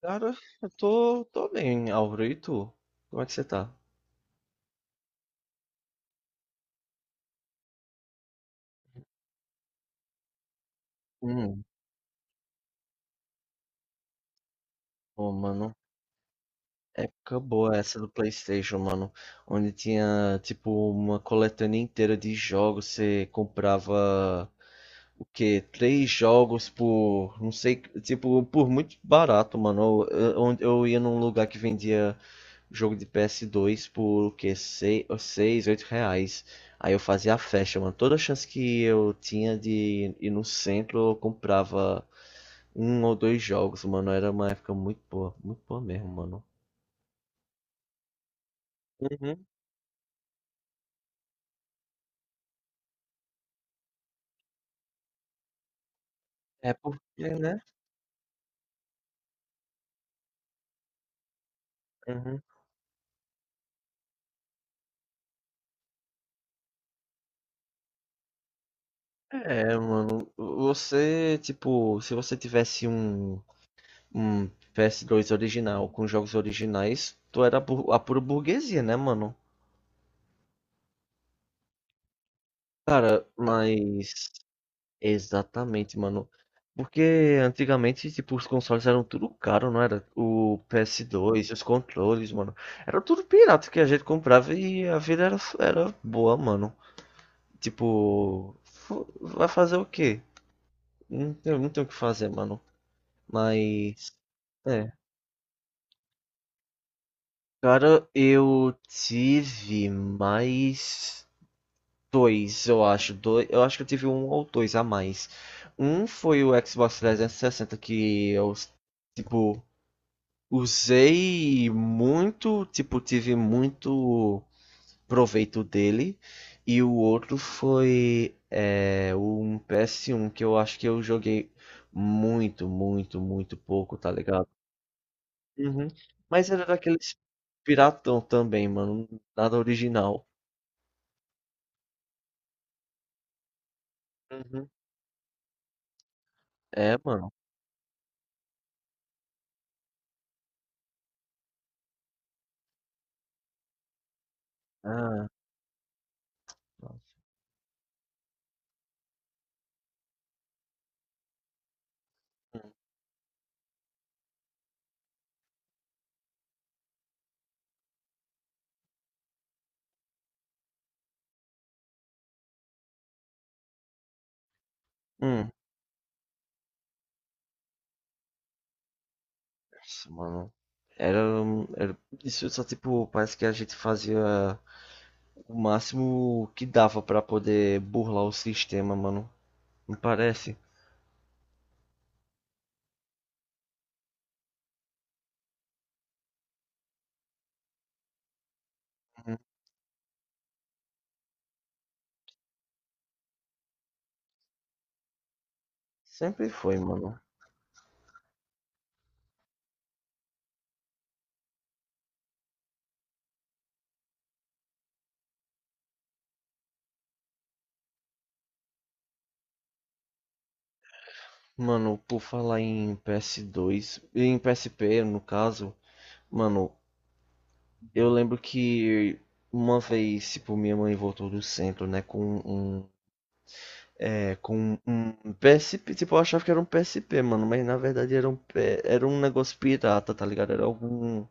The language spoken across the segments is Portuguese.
Cara, eu tô bem, Álvaro. E tu? Como é que você tá? Hum, Pô, mano. Época boa essa do PlayStation, mano. Onde tinha, tipo, uma coletânea inteira de jogos. Você comprava, o que, três jogos por, não sei, tipo, por muito barato, mano. Eu ia num lugar que vendia jogo de PS2 por, o que, seis, oito reais. Aí eu fazia a festa, mano. Toda chance que eu tinha de ir no centro, eu comprava um ou dois jogos, mano. Era uma época muito boa mesmo, mano. Uhum. É porque, né? Uhum. É, mano, você, tipo, se você tivesse um PS2 original com jogos originais, tu era a pura burguesia, né, mano? Mas exatamente, mano. Porque antigamente, tipo, os consoles eram tudo caro, não era? O PS2, os controles, mano. Era tudo pirata que a gente comprava e a vida era boa, mano. Tipo, vai fazer o quê? Não tem o que fazer, mano. Mas, é. Cara, eu tive mais. Dois, eu acho. Dois, eu acho que eu tive um ou dois a mais. Um foi o Xbox 360 que eu, tipo, usei muito, tipo, tive muito proveito dele. E o outro foi, um PS1 que eu acho que eu joguei muito, muito, muito pouco, tá ligado? Uhum. Mas era daqueles piratão também, mano. Nada original. Uhum. É, mano. Ah. Hum. Nossa, mano. Era, era. Isso só, tipo, parece que a gente fazia o máximo que dava pra poder burlar o sistema, mano. Não parece? Uhum. Sempre foi, mano. Mano, por falar em PS2, em PSP, no caso, mano, eu lembro que uma vez, tipo, minha mãe voltou do centro, né, um, com um PSP, tipo, eu achava que era um PSP, mano, mas na verdade era um negócio pirata, tá ligado? Era algum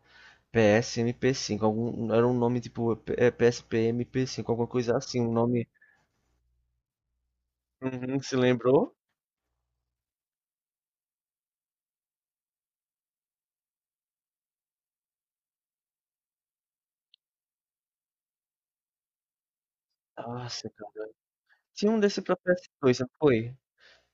PSMP5, algum era um nome tipo, PSP-MP5, alguma coisa assim, um nome. Uhum, se lembrou? Nossa, cara. Tinha um desse pra PS2, não foi?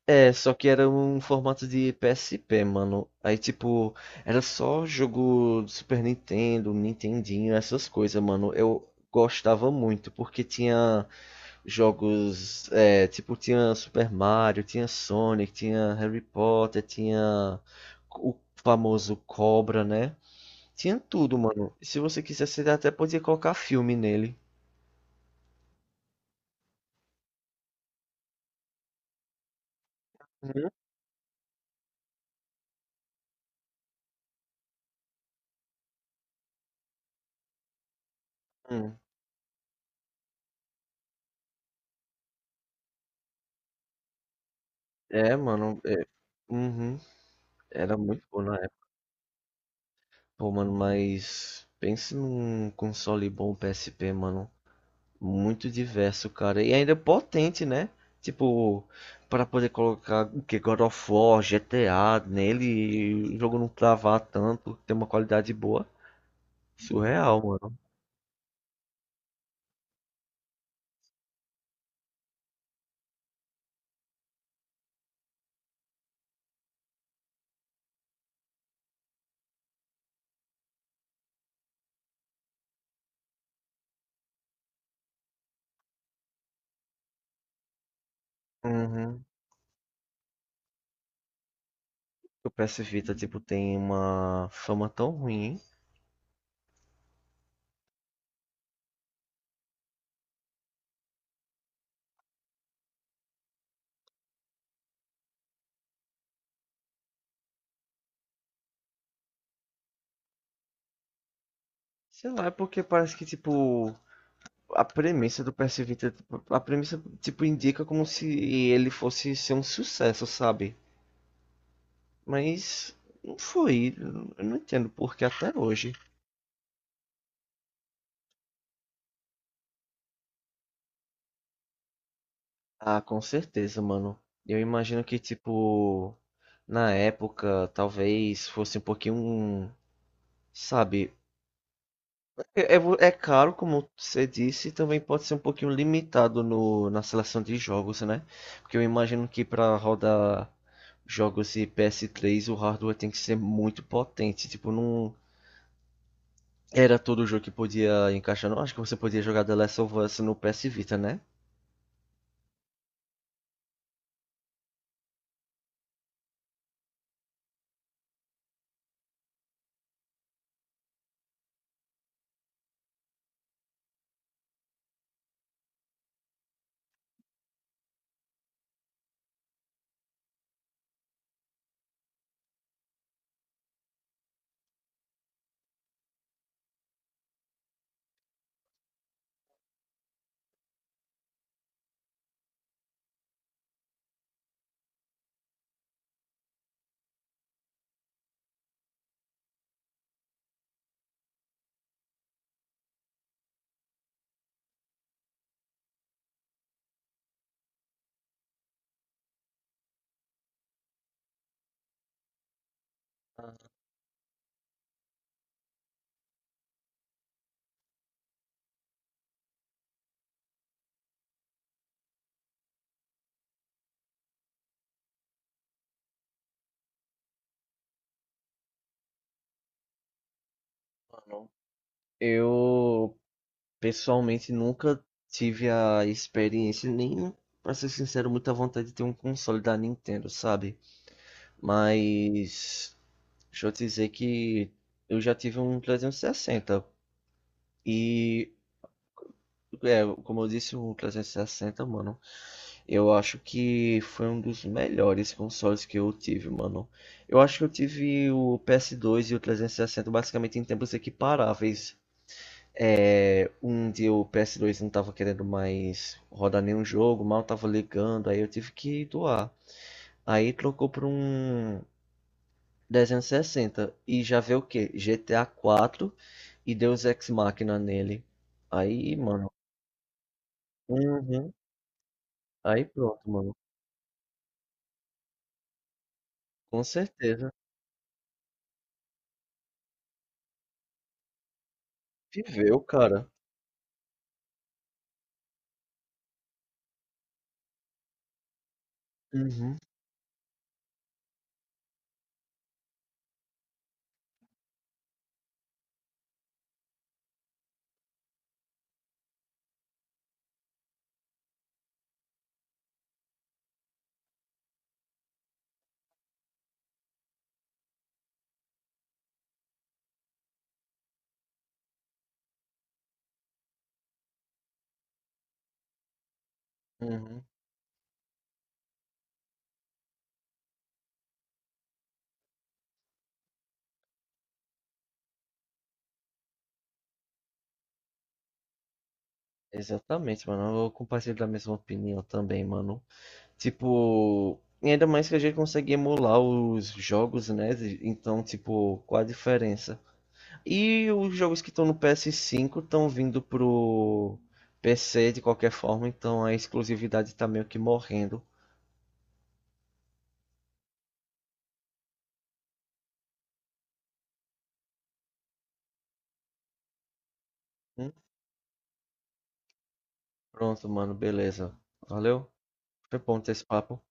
É, só que era um formato de PSP, mano. Aí, tipo, era só jogo do Super Nintendo, Nintendinho, essas coisas, mano. Eu gostava muito, porque tinha jogos, tipo, tinha Super Mario, tinha Sonic, tinha Harry Potter, tinha o famoso Cobra, né? Tinha tudo, mano. Se você quisesse, ele até podia colocar filme nele. Uhum. É, mano. É, uhum. Era muito bom na época. Pô, mano, mas pense num console bom PSP, mano. Muito diverso, cara. E ainda potente, né? Tipo, para poder colocar o que God of War, GTA nele, e o jogo não travar tanto, ter uma qualidade boa. Surreal, mano. Uhum. O PS Vita, tipo, tem uma fama tão ruim. Sei lá, é porque parece que, tipo, a premissa do PS Vita, tipo, a premissa, tipo, indica como se ele fosse ser um sucesso, sabe? Mas não foi, eu não entendo porque até hoje. Ah, com certeza, mano. Eu imagino que, tipo, na época, talvez fosse um pouquinho, sabe. É caro, como você disse, e também pode ser um pouquinho limitado no, na seleção de jogos, né? Porque eu imagino que para rodar jogos de PS3 o hardware tem que ser muito potente. Tipo, não era todo jogo que podia encaixar. Não acho que você podia jogar The Last of Us no PS Vita, né? Mano, eu pessoalmente nunca tive a experiência, nem, pra ser sincero, muita vontade de ter um console da Nintendo, sabe? Mas. Deixa eu te dizer que eu já tive um 360 e, sessenta. E, como eu disse, o 360, mano, eu acho que foi um dos melhores consoles que eu tive, mano. Eu acho que eu tive o PS2 e o 360 basicamente em tempos equiparáveis. É, um dia o PS2 não tava querendo mais rodar nenhum jogo, mal tava ligando, aí eu tive que doar. Aí trocou por um 360 e sessenta e já veio o que? GTA 4, e Deus Ex Machina nele. Aí, mano. Uhum. Aí pronto, mano. Com certeza. Viveu, cara. Uhum, uhum. Exatamente, mano. Eu compartilho da mesma opinião também, mano. Tipo, e ainda mais que a gente consegue emular os jogos, né? Então, tipo, qual a diferença? E os jogos que estão no PS5 estão vindo pro PC de qualquer forma, então a exclusividade tá meio que morrendo. Hum. Pronto, mano, beleza. Valeu. Foi bom ter esse papo.